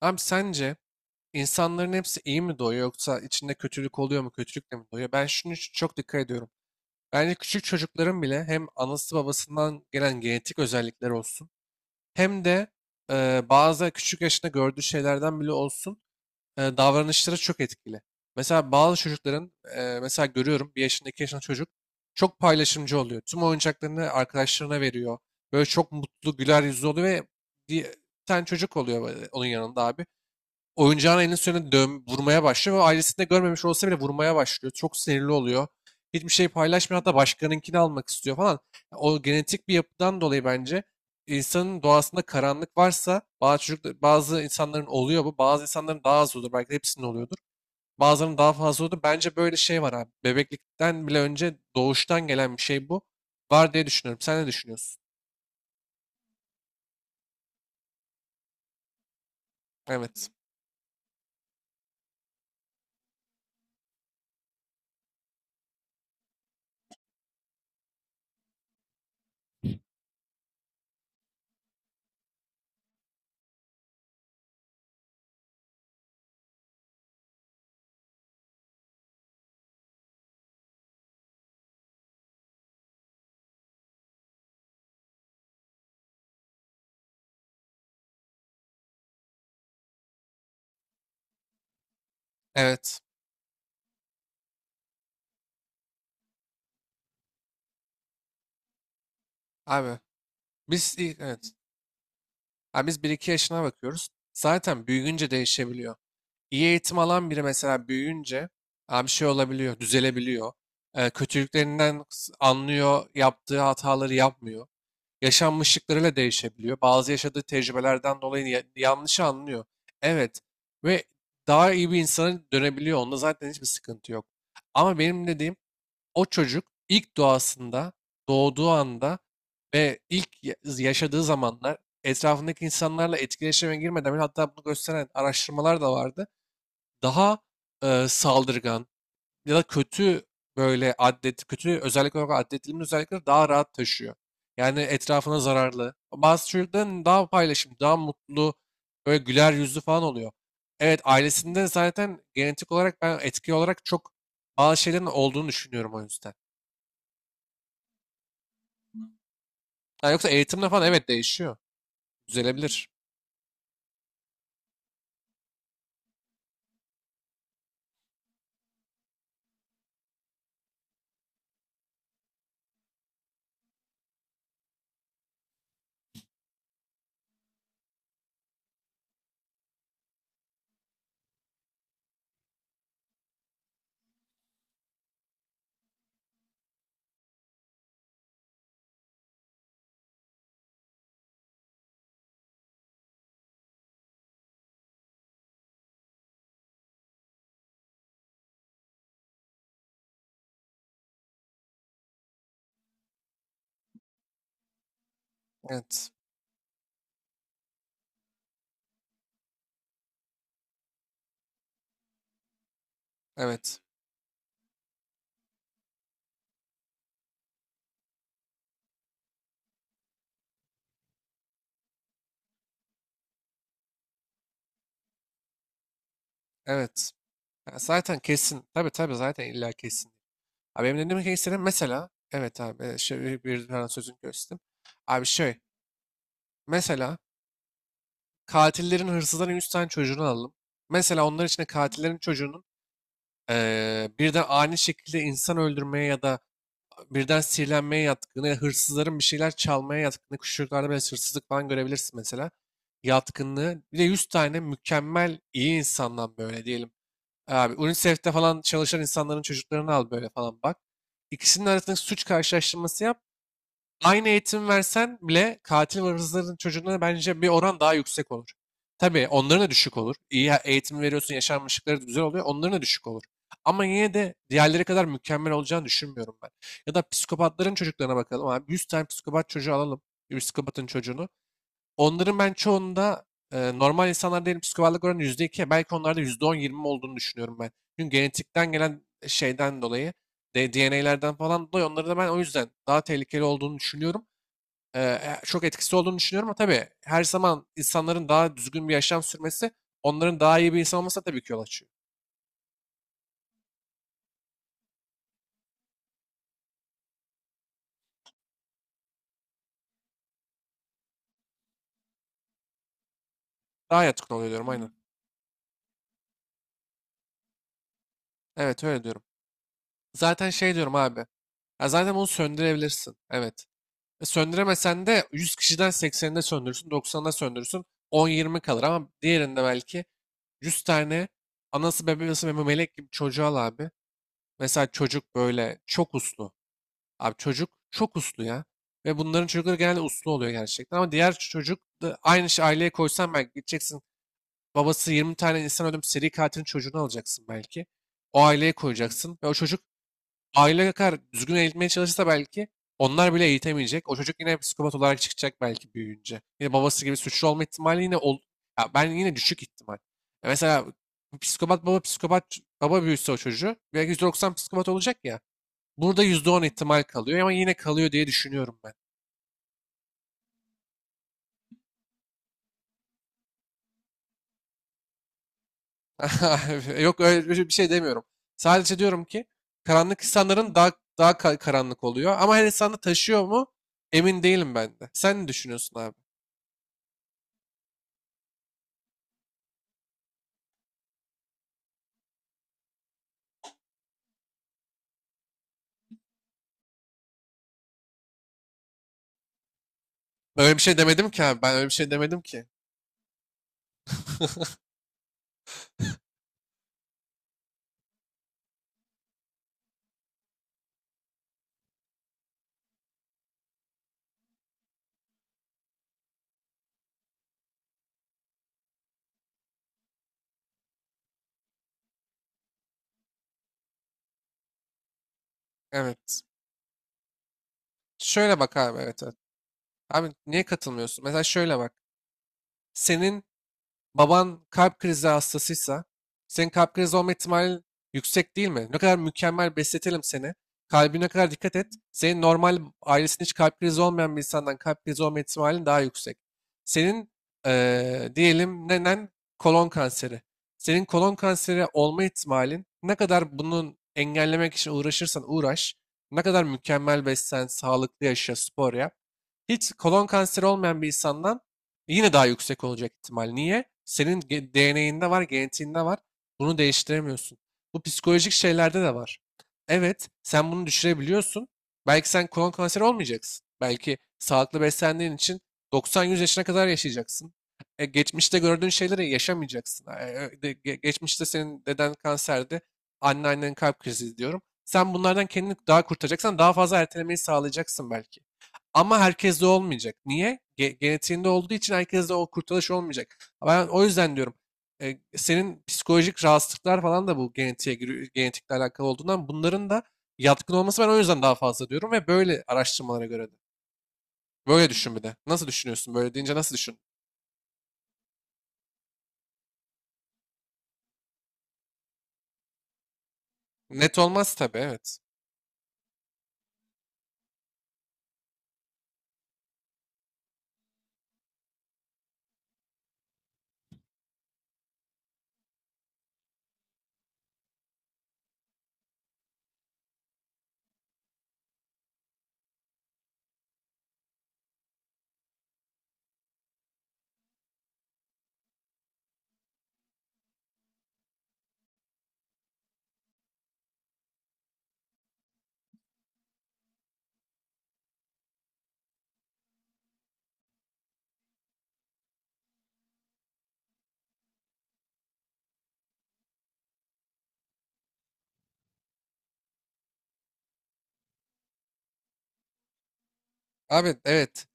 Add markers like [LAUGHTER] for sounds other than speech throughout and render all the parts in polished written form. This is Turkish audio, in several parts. Abi sence insanların hepsi iyi mi doğuyor yoksa içinde kötülük oluyor mu kötülükle mi doğuyor? Ben şunu çok dikkat ediyorum. Bence küçük çocukların bile hem anası babasından gelen genetik özellikler olsun hem de bazı küçük yaşında gördüğü şeylerden bile olsun, davranışları çok etkili. Mesela bazı çocukların, mesela görüyorum 1 yaşında 2 yaşında çocuk çok paylaşımcı oluyor. Tüm oyuncaklarını arkadaşlarına veriyor. Böyle çok mutlu güler yüzlü oluyor ve bir bir tane çocuk oluyor böyle onun yanında abi oyuncağın elinin üstüne dön, vurmaya başlıyor ve ailesinde görmemiş olsa bile vurmaya başlıyor. Çok sinirli oluyor. Hiçbir şey paylaşmıyor, hatta başkanınkini almak istiyor falan. O genetik bir yapıdan dolayı bence insanın doğasında karanlık varsa, bazı çocuklar, bazı insanların oluyor bu. Bazı insanların daha az olur. Belki de hepsinin oluyordur. Bazılarının daha fazla olur. Bence böyle şey var abi. Bebeklikten bile önce doğuştan gelen bir şey bu. Var diye düşünüyorum. Sen ne düşünüyorsun? Evet. Evet. Abi biz evet. Ha, biz 1-2 yaşına bakıyoruz. Zaten büyüyünce değişebiliyor. İyi eğitim alan biri mesela büyüyünce ha, bir şey olabiliyor, düzelebiliyor. Kötülüklerinden anlıyor, yaptığı hataları yapmıyor. Yaşanmışlıklarıyla değişebiliyor. Bazı yaşadığı tecrübelerden dolayı yanlış anlıyor. Evet, ve daha iyi bir insana dönebiliyor. Onda zaten hiçbir sıkıntı yok. Ama benim dediğim o çocuk ilk doğasında, doğduğu anda ve ilk yaşadığı zamanlar, etrafındaki insanlarla etkileşime girmeden bile hatta bunu gösteren araştırmalar da vardı. Daha saldırgan ya da kötü, böyle adet, kötü özellik olarak addedilmiş özellikleri daha rahat taşıyor. Yani etrafına zararlı. Bazı çocukların daha paylaşım, daha mutlu, böyle güler yüzlü falan oluyor. Evet, ailesinde zaten genetik olarak ben etki olarak çok bazı şeylerin olduğunu düşünüyorum o yüzden. Ha, yoksa eğitimle falan evet değişiyor. Düzelebilir. Evet. Evet. Evet. Ha, zaten kesin. Tabii tabii, zaten illa kesin. Abi benim dediğim ki senin mesela evet abi bir tane sözünü kestim. Abi mesela katillerin hırsızların 100 tane çocuğunu alalım. Mesela onlar için de katillerin çocuğunun birden ani şekilde insan öldürmeye ya da birden sihirlenmeye yatkını, ya hırsızların bir şeyler çalmaya yatkını, küçükçuklarda böyle hırsızlık falan görebilirsin mesela. Yatkınlığı. Bir de 100 tane mükemmel iyi insandan böyle diyelim. Abi UNICEF'te falan çalışan insanların çocuklarını al böyle falan bak. İkisinin arasındaki suç karşılaştırması yap. Aynı eğitim versen bile katil ve hırsızların çocuğuna bence bir oran daha yüksek olur. Tabii onların da düşük olur. İyi eğitim veriyorsun, yaşanmışlıkları da güzel oluyor. Onların da düşük olur. Ama yine de diğerleri kadar mükemmel olacağını düşünmüyorum ben. Ya da psikopatların çocuklarına bakalım abi. 100 tane psikopat çocuğu alalım. Bir psikopatın çocuğunu. Onların ben çoğunda normal insanlar diyelim psikopatlık oranı %2. Belki onlarda %10-20 olduğunu düşünüyorum ben. Çünkü genetikten gelen şeyden dolayı, DNA'lerden falan dolayı onları da ben o yüzden daha tehlikeli olduğunu düşünüyorum, çok etkisi olduğunu düşünüyorum. Ama tabii her zaman insanların daha düzgün bir yaşam sürmesi, onların daha iyi bir insan olması tabii ki yol açıyor. Daha yatkın oluyor diyorum. Hmm. Aynen. Evet, öyle diyorum. Zaten şey diyorum abi. Ya, zaten bunu söndürebilirsin. Evet. Söndüremesen de 100 kişiden 80'inde söndürürsün, 90'da söndürürsün. 10-20 kalır ama diğerinde belki 100 tane anası bebeği nasıl melek gibi çocuğa al abi. Mesela çocuk böyle çok uslu. Abi çocuk çok uslu ya. Ve bunların çocukları genelde uslu oluyor gerçekten. Ama diğer çocuk da aynı şey aileye koysan belki gideceksin. Babası 20 tane insan öldürmüş seri katilin çocuğunu alacaksın belki. O aileye koyacaksın. Ve o çocuk aile kadar düzgün eğitmeye çalışsa belki onlar bile eğitemeyecek. O çocuk yine psikopat olarak çıkacak belki büyüyünce. Yine babası gibi suçlu olma ihtimali yine ol, ya ben yine düşük ihtimal. Ya mesela psikopat baba psikopat baba büyüse o çocuğu belki 190 psikopat olacak ya. Burada %10 ihtimal kalıyor ama yine kalıyor diye düşünüyorum ben. [LAUGHS] Yok, öyle bir şey demiyorum. Sadece diyorum ki karanlık insanların daha karanlık oluyor ama her insan da taşıyor mu emin değilim ben de. Sen ne düşünüyorsun abi? Öyle bir şey demedim ki abi. Ben öyle bir şey demedim ki. Evet. Şöyle bak abi, evet evet. Abi niye katılmıyorsun? Mesela şöyle bak. Senin baban kalp krizi hastasıysa senin kalp krizi olma ihtimalin yüksek değil mi? Ne kadar mükemmel besletelim seni. Kalbine kadar dikkat et. Senin normal ailesinde hiç kalp krizi olmayan bir insandan kalp krizi olma ihtimalin daha yüksek. Senin diyelim nenen kolon kanseri. Senin kolon kanseri olma ihtimalin ne kadar bunun engellemek için uğraşırsan uğraş. Ne kadar mükemmel beslen, sağlıklı yaşa, spor yap. Hiç kolon kanseri olmayan bir insandan yine daha yüksek olacak ihtimal. Niye? Senin DNA'inde var, genetiğinde var. Bunu değiştiremiyorsun. Bu psikolojik şeylerde de var. Evet, sen bunu düşürebiliyorsun. Belki sen kolon kanseri olmayacaksın. Belki sağlıklı beslendiğin için 90-100 yaşına kadar yaşayacaksın. Geçmişte gördüğün şeyleri yaşamayacaksın. Geçmişte senin deden kanserdi, anneannen kalp krizi diyorum. Sen bunlardan kendini daha kurtaracaksan daha fazla ertelemeyi sağlayacaksın belki. Ama herkeste olmayacak. Niye? Genetiğinde olduğu için herkeste o kurtuluş olmayacak. Ben o yüzden diyorum senin psikolojik rahatsızlıklar falan da bu genetiğe giriyor, genetikle alakalı olduğundan bunların da yatkın olması ben o yüzden daha fazla diyorum, ve böyle araştırmalara göre de. Böyle düşün bir de. Nasıl düşünüyorsun? Böyle deyince nasıl düşün? Net olmaz tabii, evet. Abi evet.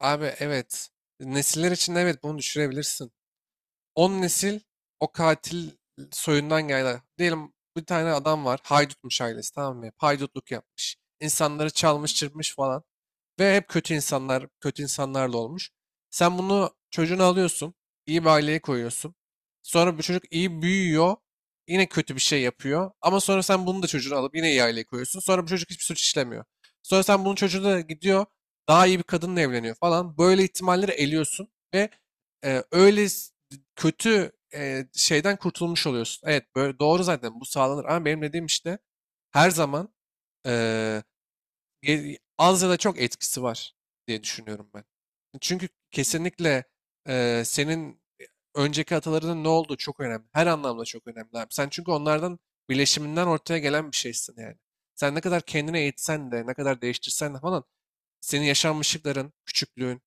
Abi evet. Nesiller için evet bunu düşürebilirsin. 10 nesil o katil soyundan geldi. Diyelim bir tane adam var. Haydutmuş ailesi, tamam mı? Hep haydutluk yapmış. İnsanları çalmış, çırpmış falan. Ve hep kötü insanlar, kötü insanlarla olmuş. Sen bunu çocuğunu alıyorsun, iyi bir aileye koyuyorsun. Sonra bu çocuk iyi büyüyor, yine kötü bir şey yapıyor. Ama sonra sen bunu da çocuğunu alıp yine iyi aileye koyuyorsun. Sonra bu çocuk hiçbir suç işlemiyor. Sonra sen bunun çocuğu da gidiyor, daha iyi bir kadınla evleniyor falan. Böyle ihtimalleri eliyorsun ve, öyle kötü şeyden kurtulmuş oluyorsun. Evet, böyle doğru zaten bu sağlanır, ama benim dediğim işte her zaman az ya da çok etkisi var diye düşünüyorum ben. Çünkü kesinlikle senin önceki atalarının ne olduğu çok önemli. Her anlamda çok önemli abi. Sen çünkü onlardan, birleşiminden ortaya gelen bir şeysin yani. Sen ne kadar kendini eğitsen de, ne kadar değiştirsen de falan, senin yaşanmışlıkların, küçüklüğün,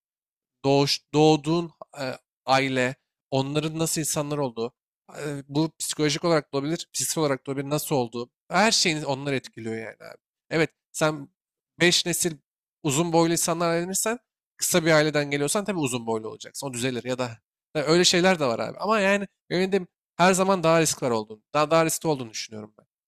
doğduğun e, aile, onların nasıl insanlar olduğu, bu psikolojik olarak da olabilir, psikolojik olarak da olabilir, nasıl olduğu, her şeyini onlar etkiliyor yani abi. Evet, sen 5 nesil uzun boylu insanlar evlenirsen, kısa bir aileden geliyorsan tabii uzun boylu olacaksın. O düzelir ya da, ya öyle şeyler de var abi. Ama yani benim dediğim her zaman daha risk var olduğunu, daha riskli olduğunu düşünüyorum ben.